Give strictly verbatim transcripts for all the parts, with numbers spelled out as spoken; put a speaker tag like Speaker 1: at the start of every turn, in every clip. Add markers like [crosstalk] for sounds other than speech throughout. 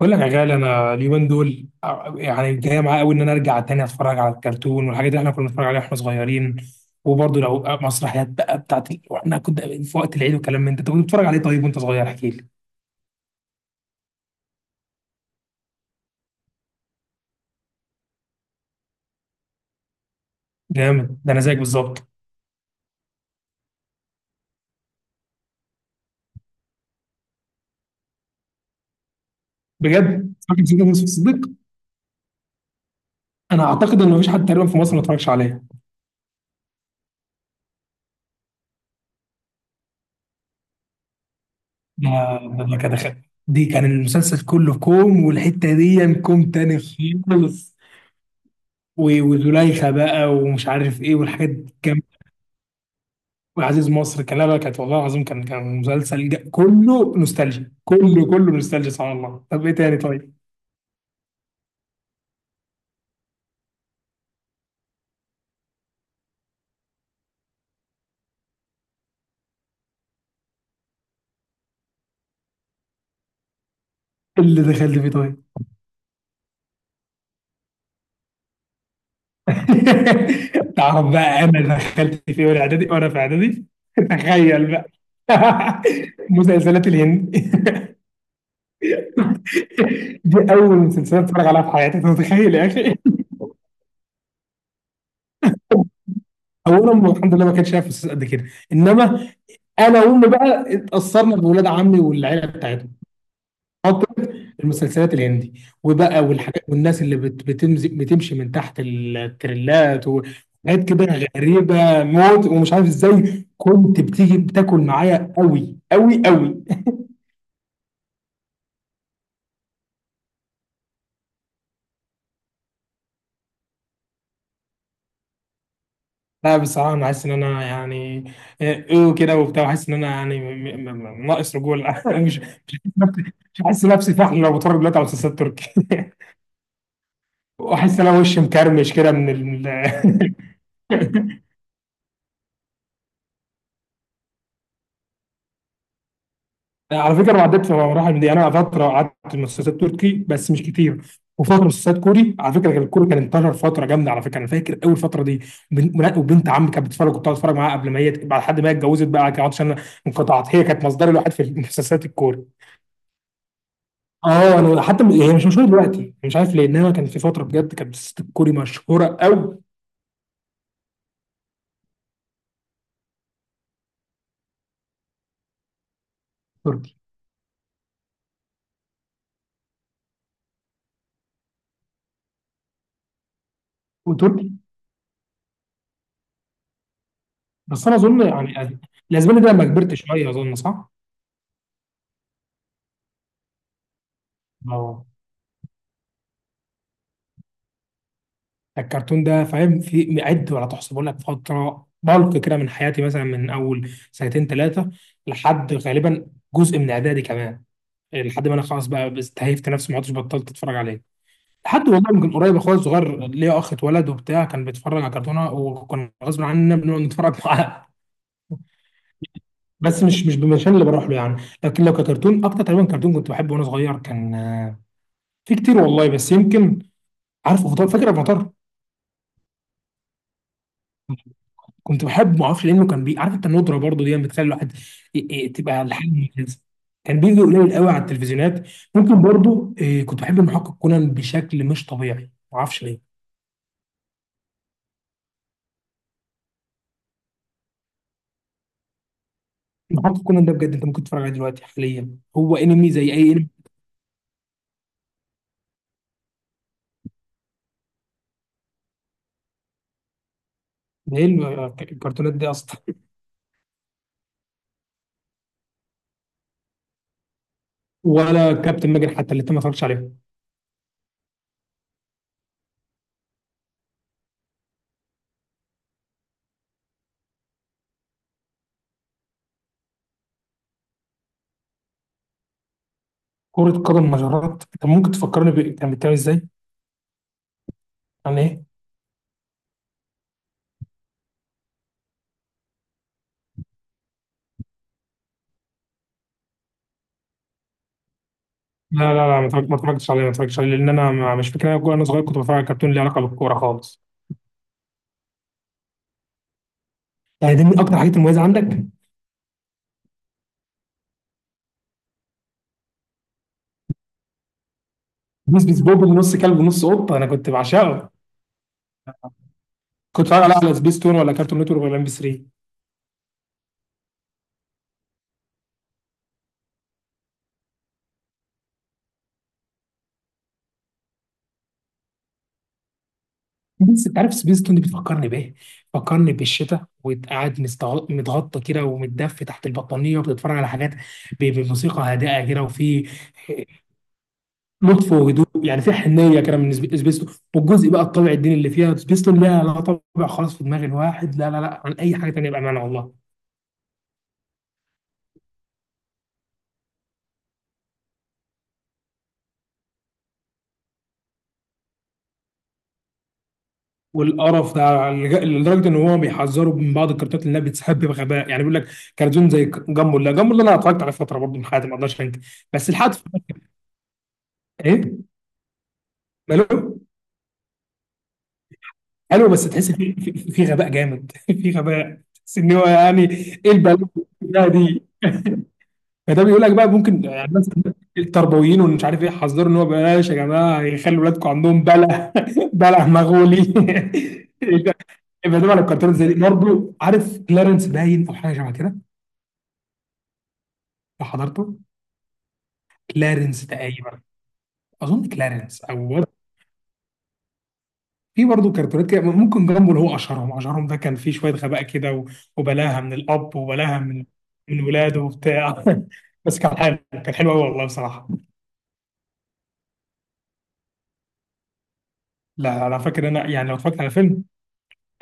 Speaker 1: بقول لك يا غالي، انا اليومين دول يعني جاي معايا قوي ان انا ارجع تاني اتفرج على الكرتون والحاجات اللي احنا كنا بنتفرج عليها واحنا صغيرين. وبرضه لو مسرحيات بقى بتاعت ال- واحنا كنا في وقت العيد والكلام من ده، انت كنت بتتفرج عليه طيب وانت صغير؟ احكي لي. جامد ده، انا زيك بالظبط. بجد فاكر سيدنا يوسف الصديق؟ انا اعتقد ان مفيش حد تقريبا في مصر ما اتفرجش عليه. ده ده ده كده خ- دي كان المسلسل كله كوم والحته دي كوم تاني خالص. و- وزليخه بقى ومش عارف ايه والحاجات دي. وعزيز مصر كان، لا لا كانت والله العظيم كان كان مسلسل ج- كله نوستالجيا، كله كله نوستالجيا، سبحان الله. طب ايه تاني طيب؟ اللي دخلت فيه طيب. [laughs] تعرف بقى انا دخلت فيه وانا اعدادي، وانا في اعدادي [laughs] تخيل بقى. [laughs] مسلسلات الهند. [laughs] دي اول مسلسلات اتفرج عليها في حياتي، انت متخيل يا اخي؟ اولا أمي الحمد لله ما كانش شايف فلوس قد كده، انما انا وامي بقى اتاثرنا بولاد عمي والعيله بتاعتهم. خاطر المسلسلات الهندي. وبقى مم. والحاجات والناس اللي بت- بتمزي بتمشي من تحت التريلات وحاجات كده، غريبه موت، ومش عارف ازاي كنت بتيجي بتاكل معايا قوي قوي قوي. لا بصراحه انا حاسس ان انا يعني ايه كده وبتاع، حاسس ان انا يعني م- م- م- ناقص رجوله. [laughs] مش مش حاسس نفسي، مش حاسس نفسي فحل لو بتفرج دلوقتي على مسلسلات تركي. [laughs] واحس ان انا وشي مكرمش كده من ال. [laughs] على فكره انا عديت في مراحل من دي. انا فتره قعدت في مسلسلات تركي بس مش كتير، وفتره مسلسلات كوري. على فكره كان الكوري كان انتشر فتره جامده على فكره. انا فاكر اول فتره دي، بن- بن- وبنت عمي كانت بتتفرج، كنت بتفرج معاها قبل ما هي ت- بعد حد ما هي اتجوزت بقى، كانت عشان أنا انقطعت، هي كانت مصدري الوحيد في المسلسلات الكوري. اه، انا حتى م- هي مش مشهوره دلوقتي، مش عارف ليه، انما كان في فتره بجد كانت مسلسلات الكوري مشهوره قوي. تركي. وتركي. بس انا اظن يعني الاسباني ده لما كبرت شويه، اظن صح؟ اه، الكرتون ده فاهم في عد ولا تحصى. بقول لك فتره بلق كده من حياتي، مثلا من اول سنتين ثلاثه لحد غالبا جزء من اعدادي كمان، لحد ما انا خلاص بقى استهيفت نفسي ما عدتش، بطلت اتفرج عليه. لحد والله من قريب اخويا الصغير، ليا اخ اتولد وبتاع، كان بيتفرج على كرتونه وكان غصب عننا بنقعد نتفرج معاه. [laughs] بس مش مش بالمشان اللي بروح له يعني. لكن لو ككرتون، اكتر تقريبا كرتون كنت بحبه وانا صغير كان، آه، في كتير والله بس يمكن. عارف مطار؟ فاكر أبو مطار؟ كنت بحبه ما اعرفش لانه كان بي. عارف انت الندره برضه دي بتخلي الواحد ي- ي- تبقى لحد مميز. كان بيجي قليل قوي على التلفزيونات. ممكن برضه إيه، كنت بحب المحقق كونان بشكل مش طبيعي، ما اعرفش ليه. المحقق كونان ده بجد انت ممكن تتفرج عليه دلوقتي حاليا، هو انمي زي اي انمي. ده ايه الكرتونات دي اصلا؟ [laughs] ولا كابتن ماجد حتى اللي انت ما اتفرجتش عليه. كرة قدم مجرات، انت ممكن تفكرني ب... كان بيتكلم ازاي؟ عن ايه؟ لا لا لا، ما اتفرج- ما اتفرجتش عليه، ما اتفرجتش عليه لان انا ما- مش فاكر انا أنا صغير كنت بتفرج على كرتون ليه علاقه بالكوره خالص. يعني دي من اكتر الحاجات المميزه عندك؟ سبيس بوب اللي نص كلب ونص قطه، انا كنت بعشقه. كنت بتفرج عليها على سبيس تون ولا كارتون نتورك ولا ام بي ثلاثة؟ بس انت عارف سبيس تون دي بتفكرني بايه؟ بتفكرني بالشتاء وقاعد مستغ- متغطى كده ومتدفي تحت البطانيه وبتتفرج على حاجات ب- بموسيقى هادئه كده، وفي لطف وهدوء، يعني في حنيه كده من سبي- سبيس تون. والجزء بقى الطابع الديني اللي فيها سبيس تون، لا لا طابع خالص في دماغ الواحد، لا لا لا عن اي حاجه تانيه، بامانه والله. والقرف ده على- لدرجه ان هو بيحذروا من بعض الكرتونات لانها بتسحب بغباء، يعني بيقول لك كرتون زي جامبو. لا، جامبو ده انا اتفرجت على فتره برضه من حياتي، ما اقدرش انكر. بس لحد فترة- ايه ماله؟ حلو، بس تحس في في, في غباء جامد. [laughs] في غباء، تحس ان هو يعني ايه البلاوي ده دي. فده بيقول لك بقى ممكن يعني مثلا التربويين ومش عارف ايه حذروا ان هو بلاش يا جماعه يخلوا ولادكم عندهم بلع. بلع [laughs] مغولي. [laughs] يبقى ده على الكرتون زي دي برضه، عارف كلارنس؟ باين او حاجه شبه كده. حضرته كلارنس تقريبا. اظن كلارنس او ور-. في برضه كرتونات كده ممكن جامبو اللي هو اشهرهم، اشهرهم ده كان فيه شويه غباء كده، و- وبلاها من الاب وبلاها من من ولاده وبتاع. [laughs] بس كان حلو، كان حلو قوي والله بصراحه. لا انا فاكر انا يعني لو اتفرجت على فيلم،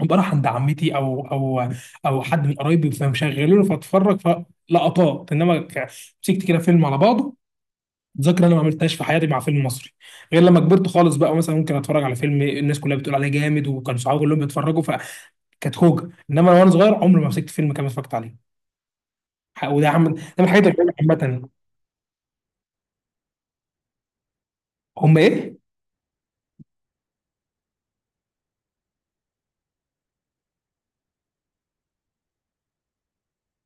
Speaker 1: بروح عند عمتي او او او حد من قرايبي فمشغلونه فاتفرج فلقطات، انما ك- مسكت كده فيلم على بعضه، ذاكره انا ما عملتهاش في حياتي مع فيلم مصري، غير لما كبرت خالص بقى مثلا ممكن اتفرج على فيلم الناس كلها بتقول عليه جامد وكان صحابي كلهم بيتفرجوا فكانت خوجه. انما انا وانا صغير عمري ما مسكت فيلم كامل اتفرجت عليه. ح- وده عم ده من الحاجات اللي عامه. هم ايه؟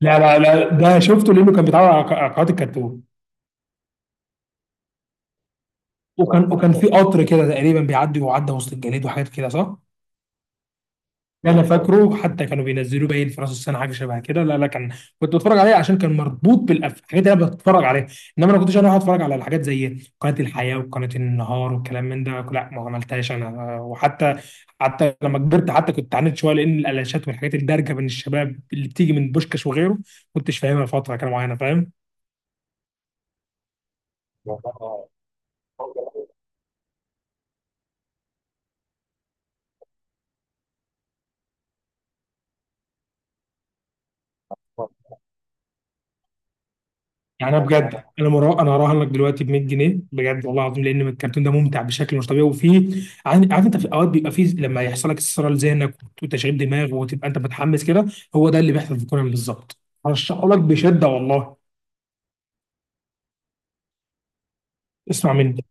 Speaker 1: لا لا لا، ده شفته لانه كان بيتعرض على ق- على قناه الكرتون. وكان وكان في قطر كده تقريبا بيعدي وعدى وسط الجليد وحاجات كده صح؟ ده انا فاكره، حتى كانوا بينزلوه باين في راس السنه حاجه شبه كده. لا لا كان، كنت بتفرج عليه عشان كان مربوط بالحاجات اللي انا بتفرج عليها. انما انا ما كنتش انا اقعد اتفرج على الحاجات زي قناه الحياه وقناه النهار والكلام من ده، لا ما عملتهاش انا. وحتى حتى لما كبرت حتى كنت عانيت شويه لان الالاشات والحاجات الدارجه بين الشباب اللي بتيجي من بوشكاش وغيره ما كنتش فاهمها فتره كده معينه، فاهم؟ يعني انا بجد انا مرا... انا هراهنك دلوقتي ب مية جنيه بجد والله العظيم لان الكرتون ده ممتع بشكل مش طبيعي، وفيه عن- عارف انت، في اوقات بيبقى فيه لما يحصل لك استثارة لذهنك وتشغيل دماغ وتبقى انت متحمس كده، هو ده اللي بيحصل في كونان بالظبط. هرشحه لك بشده والله. اسمع مني،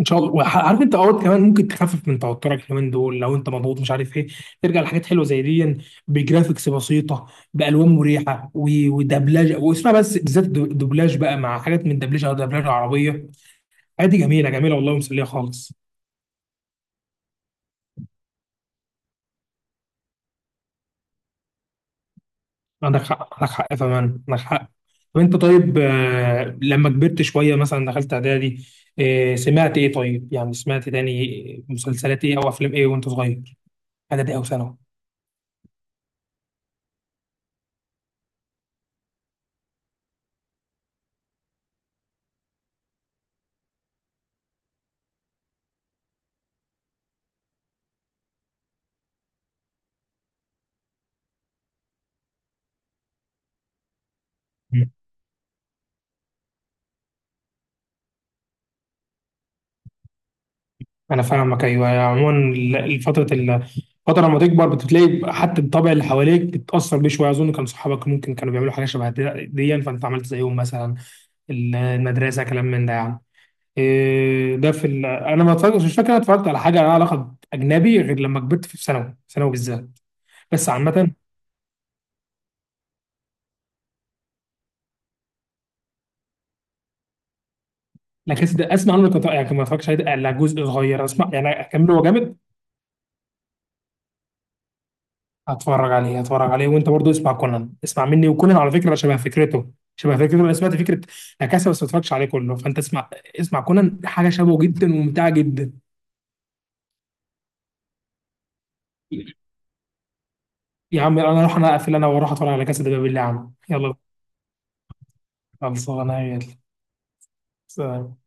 Speaker 1: ان شاء الله. وح- عارف انت اوقات كمان ممكن تخفف من توترك اليومين دول لو انت مضغوط مش عارف ايه، ترجع لحاجات حلوه زي دي، بجرافيكس بسيطه، بالوان مريحه، و- ودبلجه. واسمع بس بالذات الدو- الدبلاج بقى مع حاجات من دبلجه، او دبلجه عربيه عادي، جميلة جميلة والله، ومسلية خالص. عندك حق، عندك حق فمان، عندك حق. طب انت طيب، آه، لما كبرت شوية مثلا دخلت اعدادي، آه، سمعت ايه طيب؟ يعني سمعت تاني مسلسلات ايه او افلام ايه وانت صغير، اعدادي او ثانوي؟ مم. انا فاهمك ايوه. يعني عموما ال- الفترة ال- الفترة لما تكبر بتلاقي حتى الطبع اللي حواليك بتتأثر بيه شوية. أظن كان صحابك ممكن كانوا بيعملوا حاجة شبه دي دياً، فأنت عملت زيهم مثلا، المدرسة، كلام من ده يعني. إيه ده في ال... انا ما اتفرجتش، مش فاكر انا اتفرجت على حاجه لها علاقه اجنبي غير لما كبرت في ثانوي، ثانوي بالذات. بس عامه، لا كاسا ده اسمع عنه لكن- يعني ما اتفرجتش عليه الا جزء صغير. اسمع يعني، اكمله؟ هو جامد؟ هتفرج عليه، هتفرج عليه. وانت برضو اسمع كونان، اسمع مني. وكونان على فكره شبه فكرته، شبه فكرته انا سمعت فكره لا كاسا، بس ما اتفرجتش عليه كله. فانت اسمع، اسمع كونان، حاجه شبهه جدا وممتعه جدا. يا عم انا اروح، انا اقفل انا واروح اتفرج على كاسا ده بالله، يا عم يلا. خلصانه يلا. سلام.